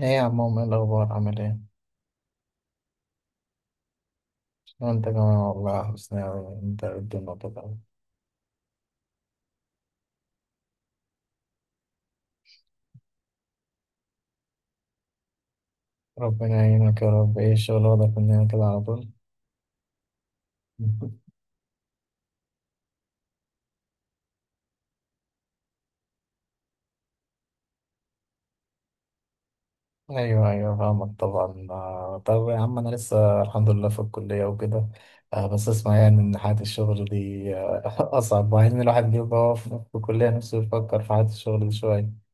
ايه يا عمو، ايه الاخبار، عامل ايه؟ وانت كمان والله حسنا أوي. انت إيه الدنيا كده؟ ربنا يعينك يا رب. ايه الشغل واخدك مننا كده على طول؟ ايوه ايوه فاهمك طبعا آه. طب يا عم، انا لسه الحمد لله في الكليه وكده. بس اسمع، ان حياه الشغل دي اصعب، مع ان الواحد بيبقى هو في الكليه نفسه يفكر في حياه الشغل دي شويه.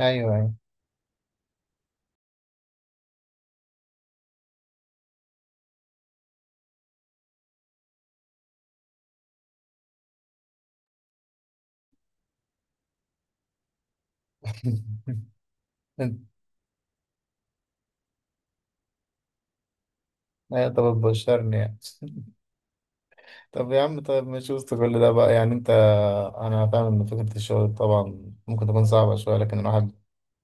ايوه ايوه. انت أيوة، طب بشرني يعني. طب يا عم، طيب مش وسط كل ده بقى يعني انت، انا فاهم ان فكرة الشغل طبعا ممكن تكون صعبة شوية، لكن الواحد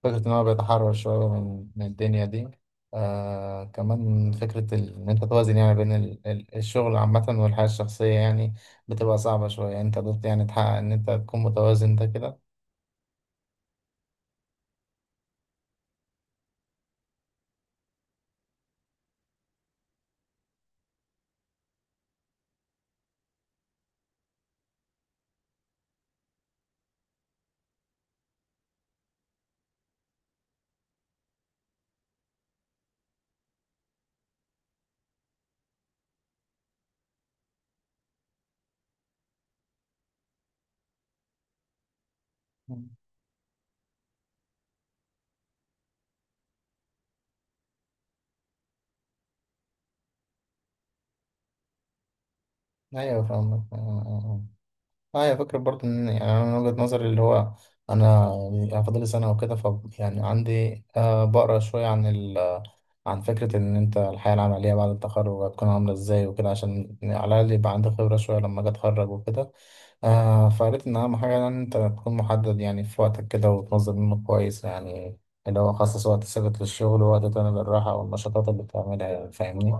فكرة ان هو بيتحرر شوية من الدنيا دي. آه، كمان فكرة ان انت توازن يعني بين الشغل عامة والحياة الشخصية، يعني بتبقى صعبة شوية. يعني انت قدرت يعني تحقق ان انت تكون متوازن ده كده؟ مم. ايوه فاهمك آه آه. آه. آه، هي فكرة برضه ان، انا من وجهة نظري اللي هو، انا يعني فاضلي سنة وكده، ف يعني عندي آه بقرا شوية عن عن فكرة إن أنت الحياة العملية بعد التخرج هتكون عاملة إزاي وكده، عشان على الأقل يبقى عندي خبرة شوية لما أجي أتخرج وكده. آه، فقالت إن أهم حاجة يعني إن أنت تكون محدد يعني في وقتك كده وتنظم يومك كويس، يعني اللي هو خصص وقت ثابت للشغل ووقت تاني للراحة والنشاطات اللي بتعملها. يعني فاهمني؟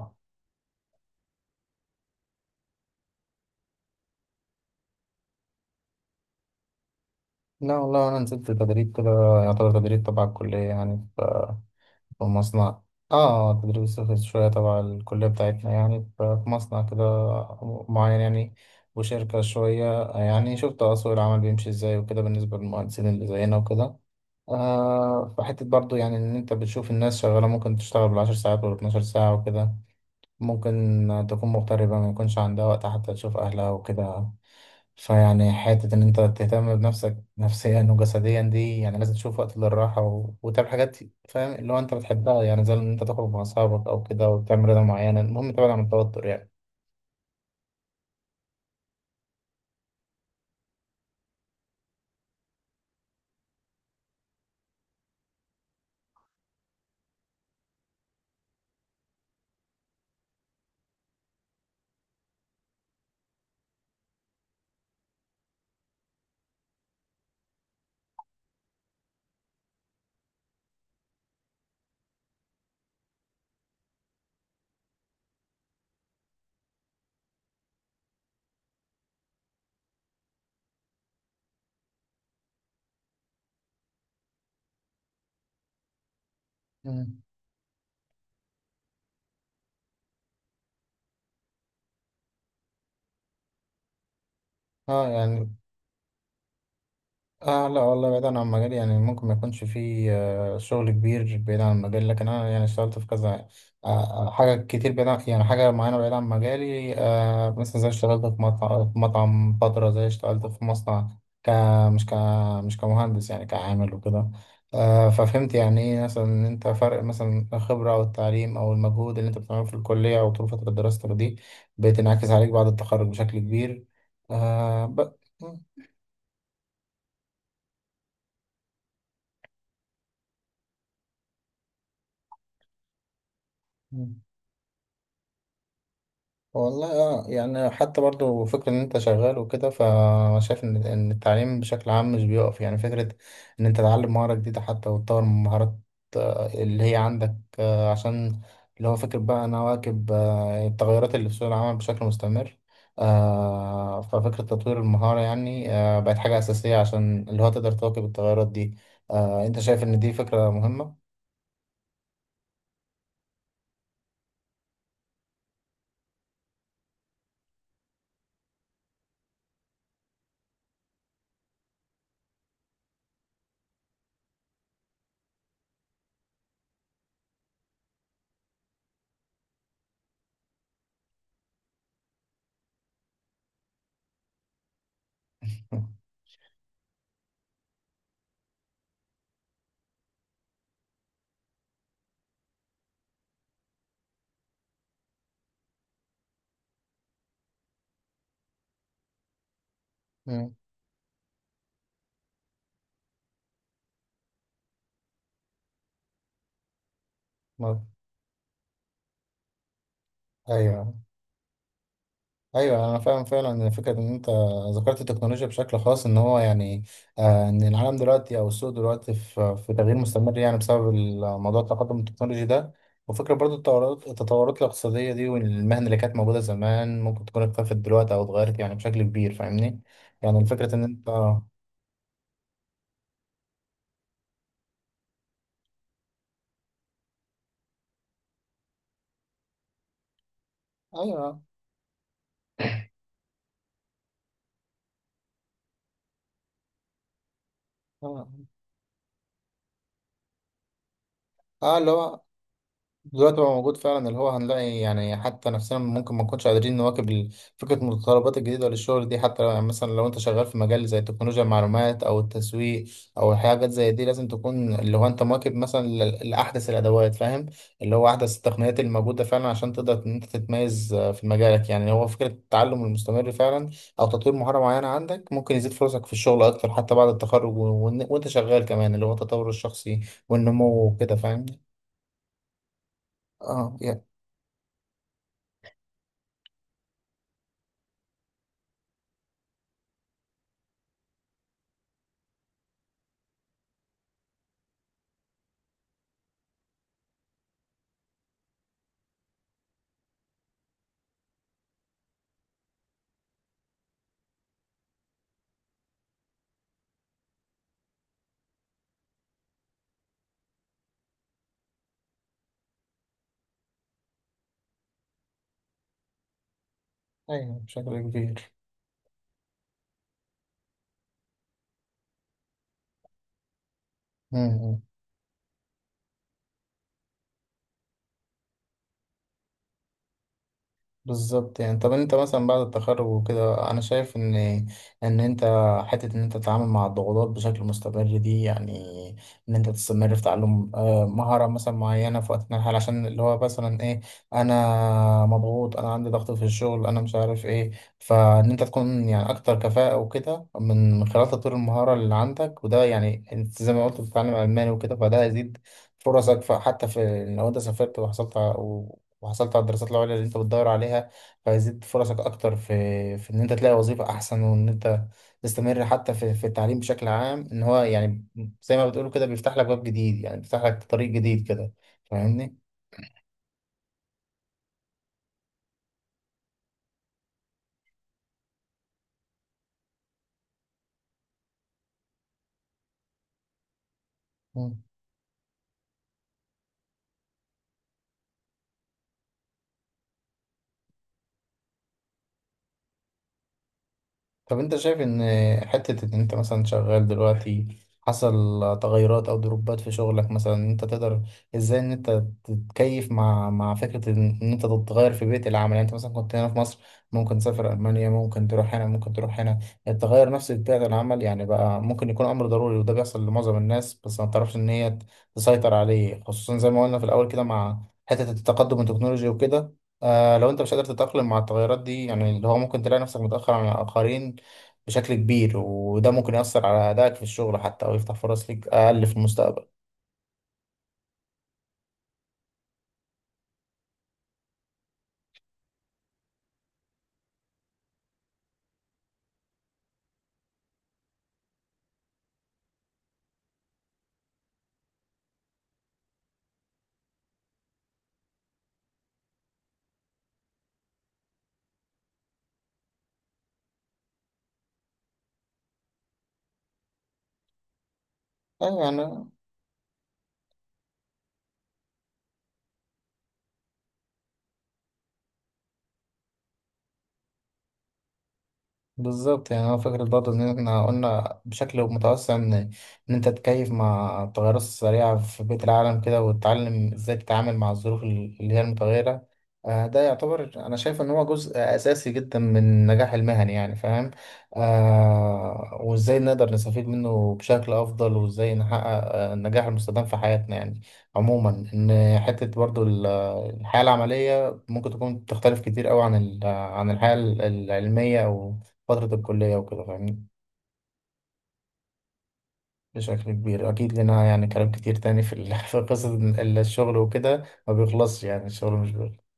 لا والله أنا نزلت تدريب كده، يعتبر تدريب تبع الكلية يعني، في مصنع. اه تدريس رخيص شوية تبع الكلية بتاعتنا، يعني ففي مصنع كده معين يعني، وشركة شوية. يعني شفت آه سوق العمل بيمشي ازاي وكده بالنسبة للمهندسين اللي زينا وكده. آه، فحتة برضو يعني إن أنت بتشوف الناس شغالة، ممكن تشتغل بالعشر ساعات ولا 12 ساعة وكده، ممكن تكون مغتربة ما يكونش عندها وقت حتى تشوف أهلها وكده. فيعني حتة إن أنت تهتم بنفسك نفسيا وجسديا دي يعني لازم تشوف وقت للراحة وتعمل حاجات فاهم، اللي هو أنت بتحبها، يعني زي إن أنت تخرج مع أصحابك أو كده، وتعمل رياضة معينة. المهم تبعد عن التوتر يعني. مم. اه يعني، آه لا والله بعيد عن مجالي. يعني ممكن ما يكونش فيه شغل كبير بعيد عن مجالي، لكن أنا يعني اشتغلت في كذا حاجة كتير بعيد عن، يعني حاجة معينة بعيد عن مجالي مثلا، زي اشتغلت في مطعم، في مطعم فترة، زي اشتغلت في مصنع، ك مش ك مش كمهندس يعني، كعامل وكده. ففهمت يعني ايه مثلا ان انت فرق مثلا الخبرة او التعليم او المجهود اللي انت بتعمله في الكلية او طول فترة دراستك دي بتنعكس عليك بعد التخرج بشكل كبير. آه، ب... والله اه، يعني حتى برضو فكرة ان انت شغال وكده، فانا شايف ان التعليم بشكل عام مش بيقف. يعني فكرة ان انت تتعلم مهارة جديدة حتى وتطور من مهارات اللي هي عندك، عشان اللي هو فكرة بقى انا واكب التغيرات اللي في سوق العمل بشكل مستمر. ففكرة تطوير المهارة يعني بقت حاجة أساسية عشان اللي هو تقدر تواكب التغيرات دي. انت شايف ان دي فكرة مهمة؟ مم. مم. ايوه ايوه انا فاهم فعلا إن فكره ان انت ذكرت التكنولوجيا بشكل خاص، ان هو يعني آه ان العالم دلوقتي او السوق دلوقتي في تغيير مستمر يعني بسبب الموضوع، التقدم التكنولوجي ده. وفكره برضو التطورات الاقتصاديه دي، والمهن اللي كانت موجوده زمان ممكن تكون اختفت دلوقتي او اتغيرت يعني بشكل كبير، فاهمني؟ يعني الفكره ان انت ايوه اه اللي هو دلوقتي بقى موجود فعلا. اللي هو هنلاقي يعني حتى نفسنا ممكن ما نكونش قادرين نواكب فكرة المتطلبات الجديدة للشغل دي. حتى يعني مثلا لو انت شغال في مجال زي تكنولوجيا المعلومات او التسويق او حاجات زي دي، لازم تكون اللي هو انت مواكب مثلا لأحدث الأدوات فاهم، اللي هو أحدث التقنيات اللي موجودة فعلا عشان تقدر ان انت تتميز في مجالك. يعني هو فكرة التعلم المستمر فعلا او تطوير مهارة معينة عندك ممكن يزيد فرصك في الشغل اكتر، حتى بعد التخرج وانت شغال كمان، اللي هو التطور الشخصي والنمو وكده فاهم؟ اه أيوة بشكل كبير. مم. بالظبط يعني. طب انت مثلا بعد التخرج وكده، انا شايف ان ان انت حته ان انت تتعامل مع الضغوطات بشكل مستمر دي، يعني ان انت تستمر في تعلم مهاره مثلا معينه في وقت من الحال، عشان اللي هو مثلا ايه، انا مضغوط انا عندي ضغط في الشغل انا مش عارف ايه. فان انت تكون يعني اكتر كفاءه وكده من خلال تطوير المهاره اللي عندك. وده يعني انت زي ما قلت بتتعلم الماني وكده، فده هيزيد فرصك حتى في، لو انت سافرت وحصلت على الدراسات العليا اللي انت بتدور عليها، فيزيد فرصك اكتر في ان انت تلاقي وظيفة احسن، وان انت تستمر حتى في التعليم بشكل عام، ان هو يعني زي ما بتقولوا كده بيفتح لك باب جديد، يعني بيفتح لك طريق جديد كده، فاهمني؟ طب انت شايف ان حتة ان انت مثلا شغال دلوقتي حصل تغيرات او دروبات في شغلك مثلا، انت تقدر ازاي ان انت تتكيف مع فكرة ان انت تتغير في بيئة العمل؟ يعني انت مثلا كنت هنا في مصر، ممكن تسافر المانيا، ممكن تروح هنا ممكن تروح هنا. التغير نفسي في بيئة العمل يعني بقى ممكن يكون امر ضروري، وده بيحصل لمعظم الناس، بس ما تعرفش ان هي تسيطر عليه، خصوصا زي ما قلنا في الاول كده مع حتة التقدم التكنولوجي وكده. آه لو انت مش قادر تتأقلم مع التغيرات دي، يعني اللي هو ممكن تلاقي نفسك متأخر عن الآخرين بشكل كبير، وده ممكن يأثر على أدائك في الشغل حتى، أو يفتح فرص ليك أقل في المستقبل. أيوة يعني. بالظبط يعني. هو فكرة برضه إن إحنا قلنا بشكل متوسع إن أنت تتكيف مع التغيرات السريعة في بيئة العالم كده، وتتعلم إزاي تتعامل مع الظروف اللي هي المتغيرة. ده يعتبر أنا شايف إن هو جزء أساسي جدا من نجاح المهني يعني فاهم. آه، وإزاي نقدر نستفيد منه بشكل أفضل، وإزاي نحقق النجاح المستدام في حياتنا يعني عموما. إن حتة برضه الحياة العملية ممكن تكون تختلف كتير أوي عن عن الحياة العلمية أو فترة الكلية وكده، فاهمني؟ بشكل كبير أكيد. لنا يعني كلام كتير تاني في في قصة الشغل وكده، ما بيخلصش يعني. الشغل مش بيخلص.